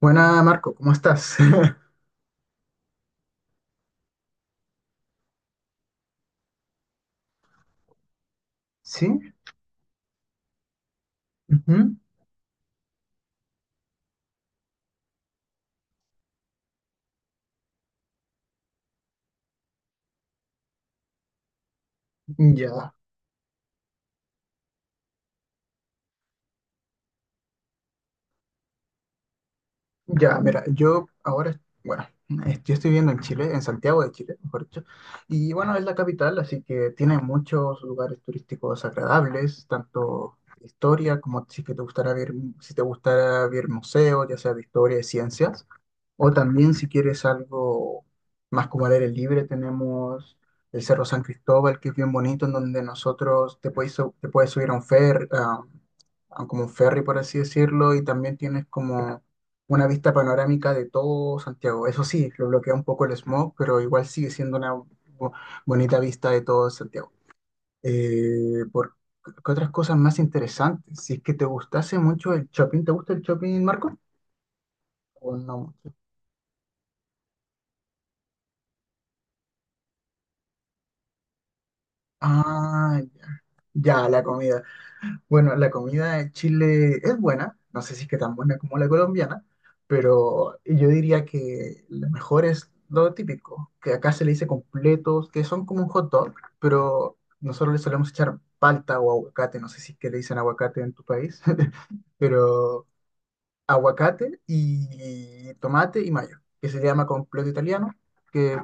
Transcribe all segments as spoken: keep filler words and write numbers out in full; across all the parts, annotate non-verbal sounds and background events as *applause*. Buena, Marco, ¿cómo estás? *laughs* Sí, ujú, ya, ya, mira, yo ahora, bueno, eh, yo estoy viviendo en Chile, en Santiago de Chile, mejor dicho, y bueno, es la capital, así que tiene muchos lugares turísticos agradables, tanto historia como si que te gustara ver, si te gustara ver museos, ya sea de historia y ciencias. O también si quieres algo más como al aire libre, tenemos el Cerro San Cristóbal, que es bien bonito, en donde nosotros te puedes, su- te puedes subir a un ferry, a, a como un ferry, por así decirlo, y también tienes como una vista panorámica de todo Santiago. Eso sí, lo bloquea un poco el smog, pero igual sigue siendo una bo- bonita vista de todo Santiago. Eh, por, ¿qué otras cosas más interesantes? Si es que te gustase mucho el shopping, ¿te gusta el shopping, Marco? ¿O no mucho? Ah, ya, la comida. Bueno, la comida de Chile es buena, no sé si es que tan buena como la colombiana, pero yo diría que lo mejor es lo típico, que acá se le dice completos, que son como un hot dog, pero nosotros le solemos echar palta o aguacate, no sé si es que le dicen aguacate en tu país, *laughs* pero aguacate y tomate y mayo, que se llama completo italiano, que,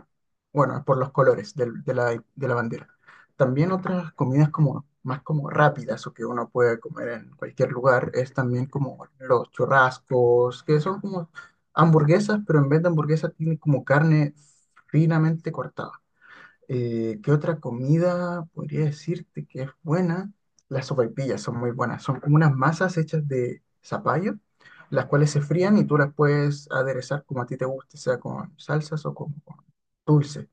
bueno, es por los colores del- de, la, de la bandera. También otras comidas como más como rápidas o que uno puede comer en cualquier lugar es también como los churrascos, que son como hamburguesas, pero en vez de hamburguesas tiene como carne finamente cortada. Eh, ¿qué otra comida podría decirte que es buena? Las sopaipillas son muy buenas. Son como unas masas hechas de zapallo, las cuales se frían y tú las puedes aderezar como a ti te guste, sea con salsas o como con dulce.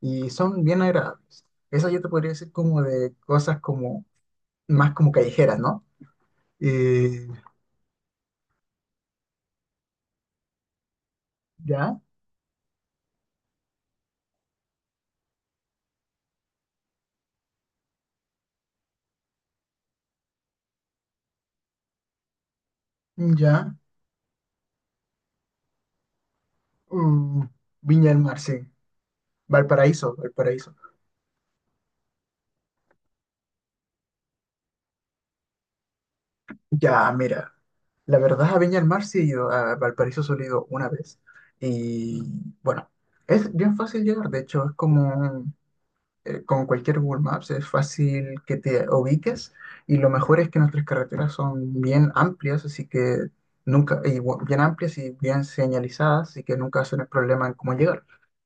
Y son bien agradables. Esa yo te podría decir como de cosas como más como callejeras, ¿no? Eh, ya, ya. Mm, Viña del Mar, sí. Valparaíso, Valparaíso. Ya, mira. La verdad, a Viña del Mar sí he ido, a Valparaíso solo he ido una vez. Y bueno, es bien fácil llegar, de hecho, es como eh, con cualquier Google Maps, es fácil que te ubiques, y lo mejor es que nuestras carreteras son bien amplias, así que nunca, y bu- bien amplias y bien señalizadas, así que nunca hacen el problema en cómo llegar.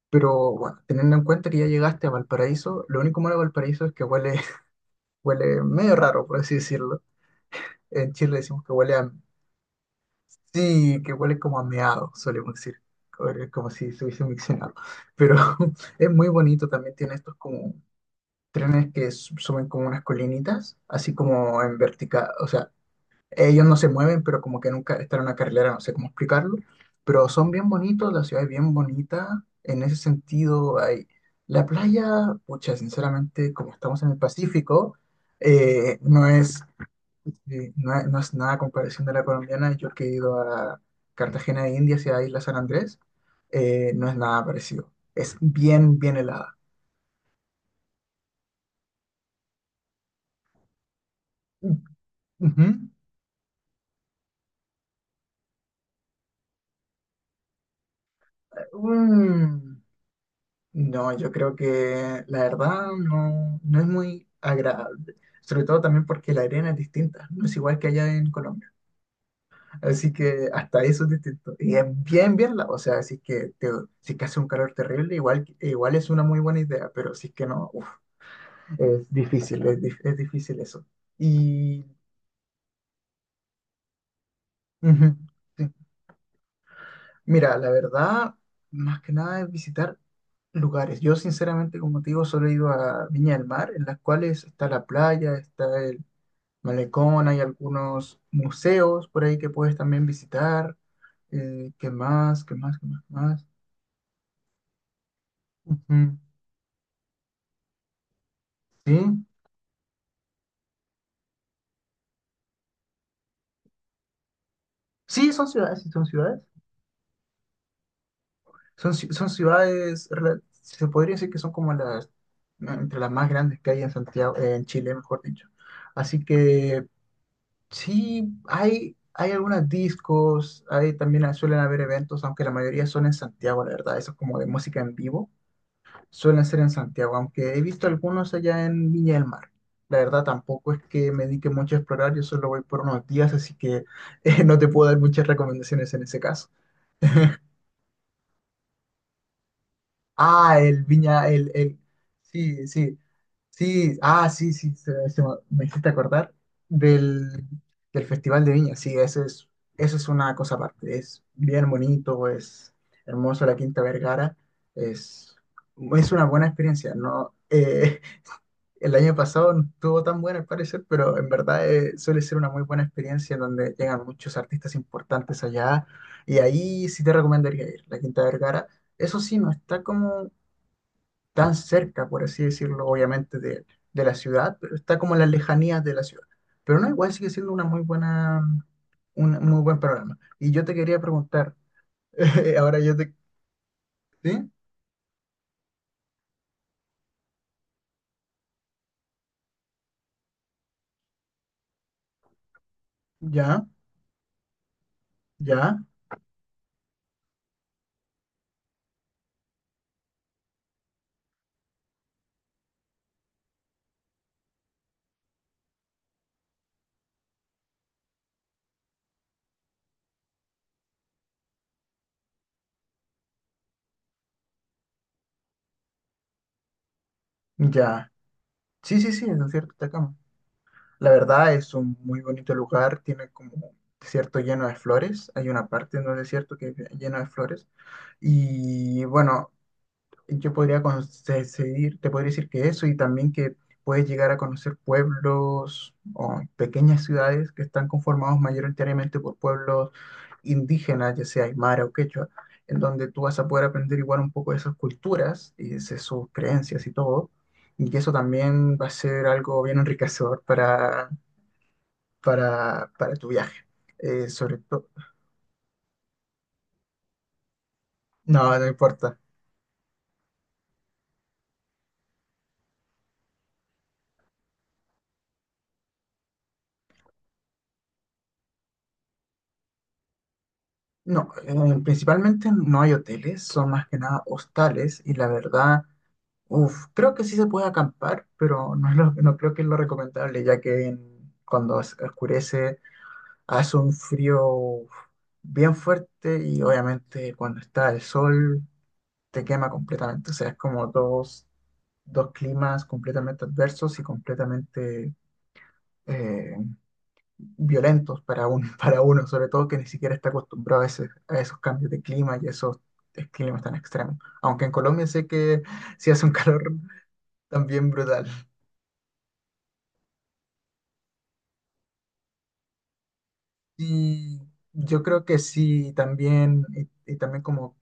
Pero bueno, teniendo en cuenta que ya llegaste a Valparaíso, lo único malo de Valparaíso es que huele, *laughs* huele medio raro, por así decirlo. En Chile decimos que huele a... Sí, que huele como a meado, solemos decir, huele como si se hubiese miccionado. Pero *laughs* es muy bonito, también tiene estos como trenes que su- suben como unas colinitas, así como en vertical, o sea, ellos no se mueven, pero como que nunca están en una carrilera, no sé cómo explicarlo, pero son bien bonitos, la ciudad es bien bonita, en ese sentido hay la playa, pucha, sinceramente, como estamos en el Pacífico, eh, no es... Sí, no, no es nada a comparación de la colombiana. Yo que he ido a Cartagena de Indias y a Isla San Andrés, eh, no es nada parecido. Es bien, bien helada. Ujú. Mm, no, yo creo que la verdad no, no es muy agradable. Sobre todo también porque la arena es distinta, no es igual que allá en Colombia. Así que hasta eso es distinto. Y es bien, bien, la- o sea, si es que, te, si es que hace un calor terrible, igual, igual es una muy buena idea, pero si es que no, uff. Es difícil, es, dif- es difícil eso. Y ujú, sí. Mira, la verdad, más que nada es visitar lugares. Yo sinceramente, como te digo, solo he ido a Viña del Mar, en las cuales está la playa, está el malecón, hay algunos museos por ahí que puedes también visitar. Eh, ¿qué más? ¿Qué más? ¿Qué más? ¿Qué más? Ujú, sí. Sí, son ciudades, sí, son ciudades. Son, ci- son ciudades, rela- se podría decir que son como las, entre las más grandes que hay en Santiago, eh, en Chile, mejor dicho. Así que sí, hay, hay algunas discos, hay, también suelen haber eventos, aunque la mayoría son en Santiago, la verdad, eso es como de música en vivo, suelen ser en Santiago, aunque he visto algunos allá en Viña del Mar. La verdad, tampoco es que me dedique mucho a explorar, yo solo voy por unos días, así que *laughs* eh, no te puedo dar muchas recomendaciones en ese caso. *laughs* Ah, el Viña, el, el, sí, sí, sí, ah, sí, sí, se- se me, me hiciste acordar del, del Festival de Viña, sí, eso es, eso es una cosa aparte, es bien bonito, es hermoso la Quinta Vergara, es, es una buena experiencia, no, eh, *laughs* el año pasado no estuvo tan buena al parecer, pero en verdad eh, suele ser una muy buena experiencia en donde llegan muchos artistas importantes allá, y ahí sí te recomendaría ir, la Quinta Vergara, eso sí, no está como tan cerca, por así decirlo, obviamente de, de la ciudad, pero está como en las lejanías de la ciudad. Pero no, igual sigue siendo una muy buena, un muy buen programa. Y yo te quería preguntar, *laughs* eh, ahora yo te... ¿Sí? ¿Ya? ¿Ya? ¿Ya? Sí, sí, sí, es un cierto, Atacama. La verdad es un muy bonito lugar, tiene como un desierto lleno de flores, hay una parte en el desierto que es lleno de flores. Y bueno, yo podría conseguir, te podría decir que eso y también que puedes llegar a conocer pueblos o pequeñas ciudades que están conformados mayoritariamente por pueblos indígenas, ya sea aymara o quechua, en donde tú vas a poder aprender igual un poco de esas culturas y de sus creencias y todo, y que eso también va a ser algo bien enriquecedor para, para, para tu viaje. Eh, sobre todo, no, no importa. No, eh, principalmente no hay hoteles, son más que nada hostales y la verdad, uff, creo que sí se puede acampar, pero no es lo- no creo que es lo recomendable, ya que en- cuando os- oscurece hace un frío uf, bien fuerte y obviamente cuando está el sol te quema completamente, o sea, es como dos, dos climas completamente adversos y completamente eh, violentos para, un, *laughs* para uno, sobre todo que ni siquiera está acostumbrado a, ese- a esos cambios de clima y esos eh, climas tan extremos. Aunque en Colombia sé que sí hace un *laughs* calor también brutal. Y yo creo que sí, también, y, y también como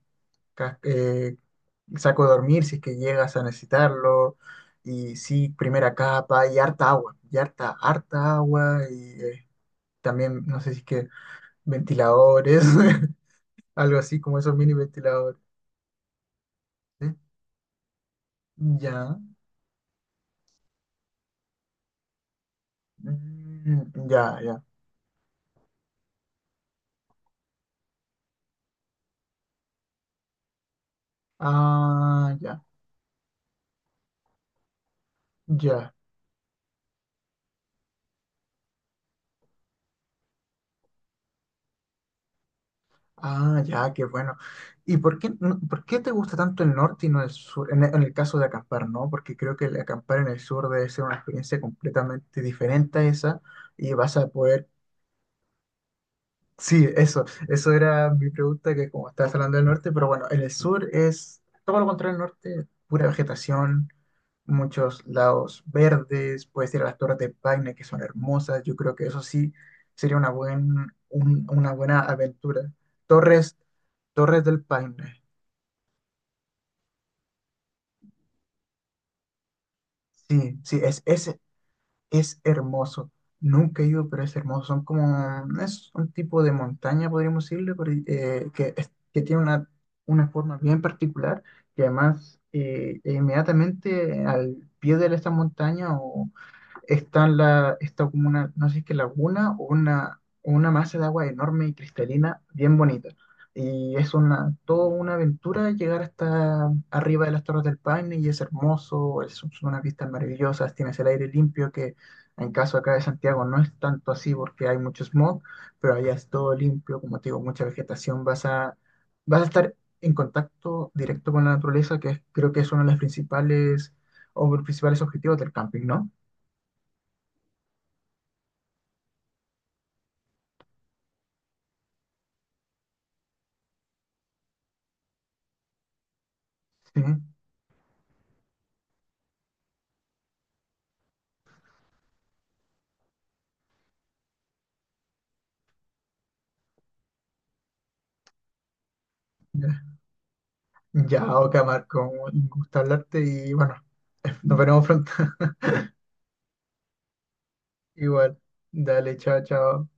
ca- eh, saco de dormir si es que llegas a necesitarlo. Y sí, primera capa y harta agua, y harta, harta agua. Y eh, también, no sé si es que ventiladores, *laughs* algo así como esos mini ventiladores. ¿Sí? Ya, mm, ya, ya, ah, ya, ya, ah, ya, qué bueno. ¿Y por qué, no- por qué te gusta tanto el norte y no el sur? En el, en el caso de acampar, ¿no? Porque creo que el acampar en el sur debe ser una experiencia completamente diferente a esa, y vas a poder... Sí, eso, eso era mi pregunta, que como estabas hablando del norte, pero bueno, en el sur es todo lo contrario al norte, pura vegetación, muchos lados verdes, puedes ir a las Torres de Paine, que son hermosas, yo creo que eso sí sería una, buen, un- una buena aventura. Torres, Torres del Paine, sí, sí, es, es, Es hermoso. Nunca he ido, pero es hermoso. Son como, es un tipo de montaña, podríamos decirle, por- eh, que, es- que tiene una, una forma bien particular, que además eh, inmediatamente al pie de esta montaña está en la, está como una, no sé si es que laguna o una, o una masa de agua enorme y cristalina, bien bonita. Y es una, toda una aventura llegar hasta arriba de las Torres del Paine y es hermoso, es- son unas vistas maravillosas, tienes el aire limpio que en caso acá de Santiago no es tanto así porque hay mucho smog, pero allá es todo limpio, como te digo, mucha vegetación, vas a, vas a estar en contacto directo con la naturaleza, que es- creo que es uno de los principales o los principales objetivos del camping, ¿no? Sí, ya, ya, Oka, Marco, un gusto hablarte y bueno, *laughs* nos veremos pronto. *laughs* Igual, dale, chao, chao.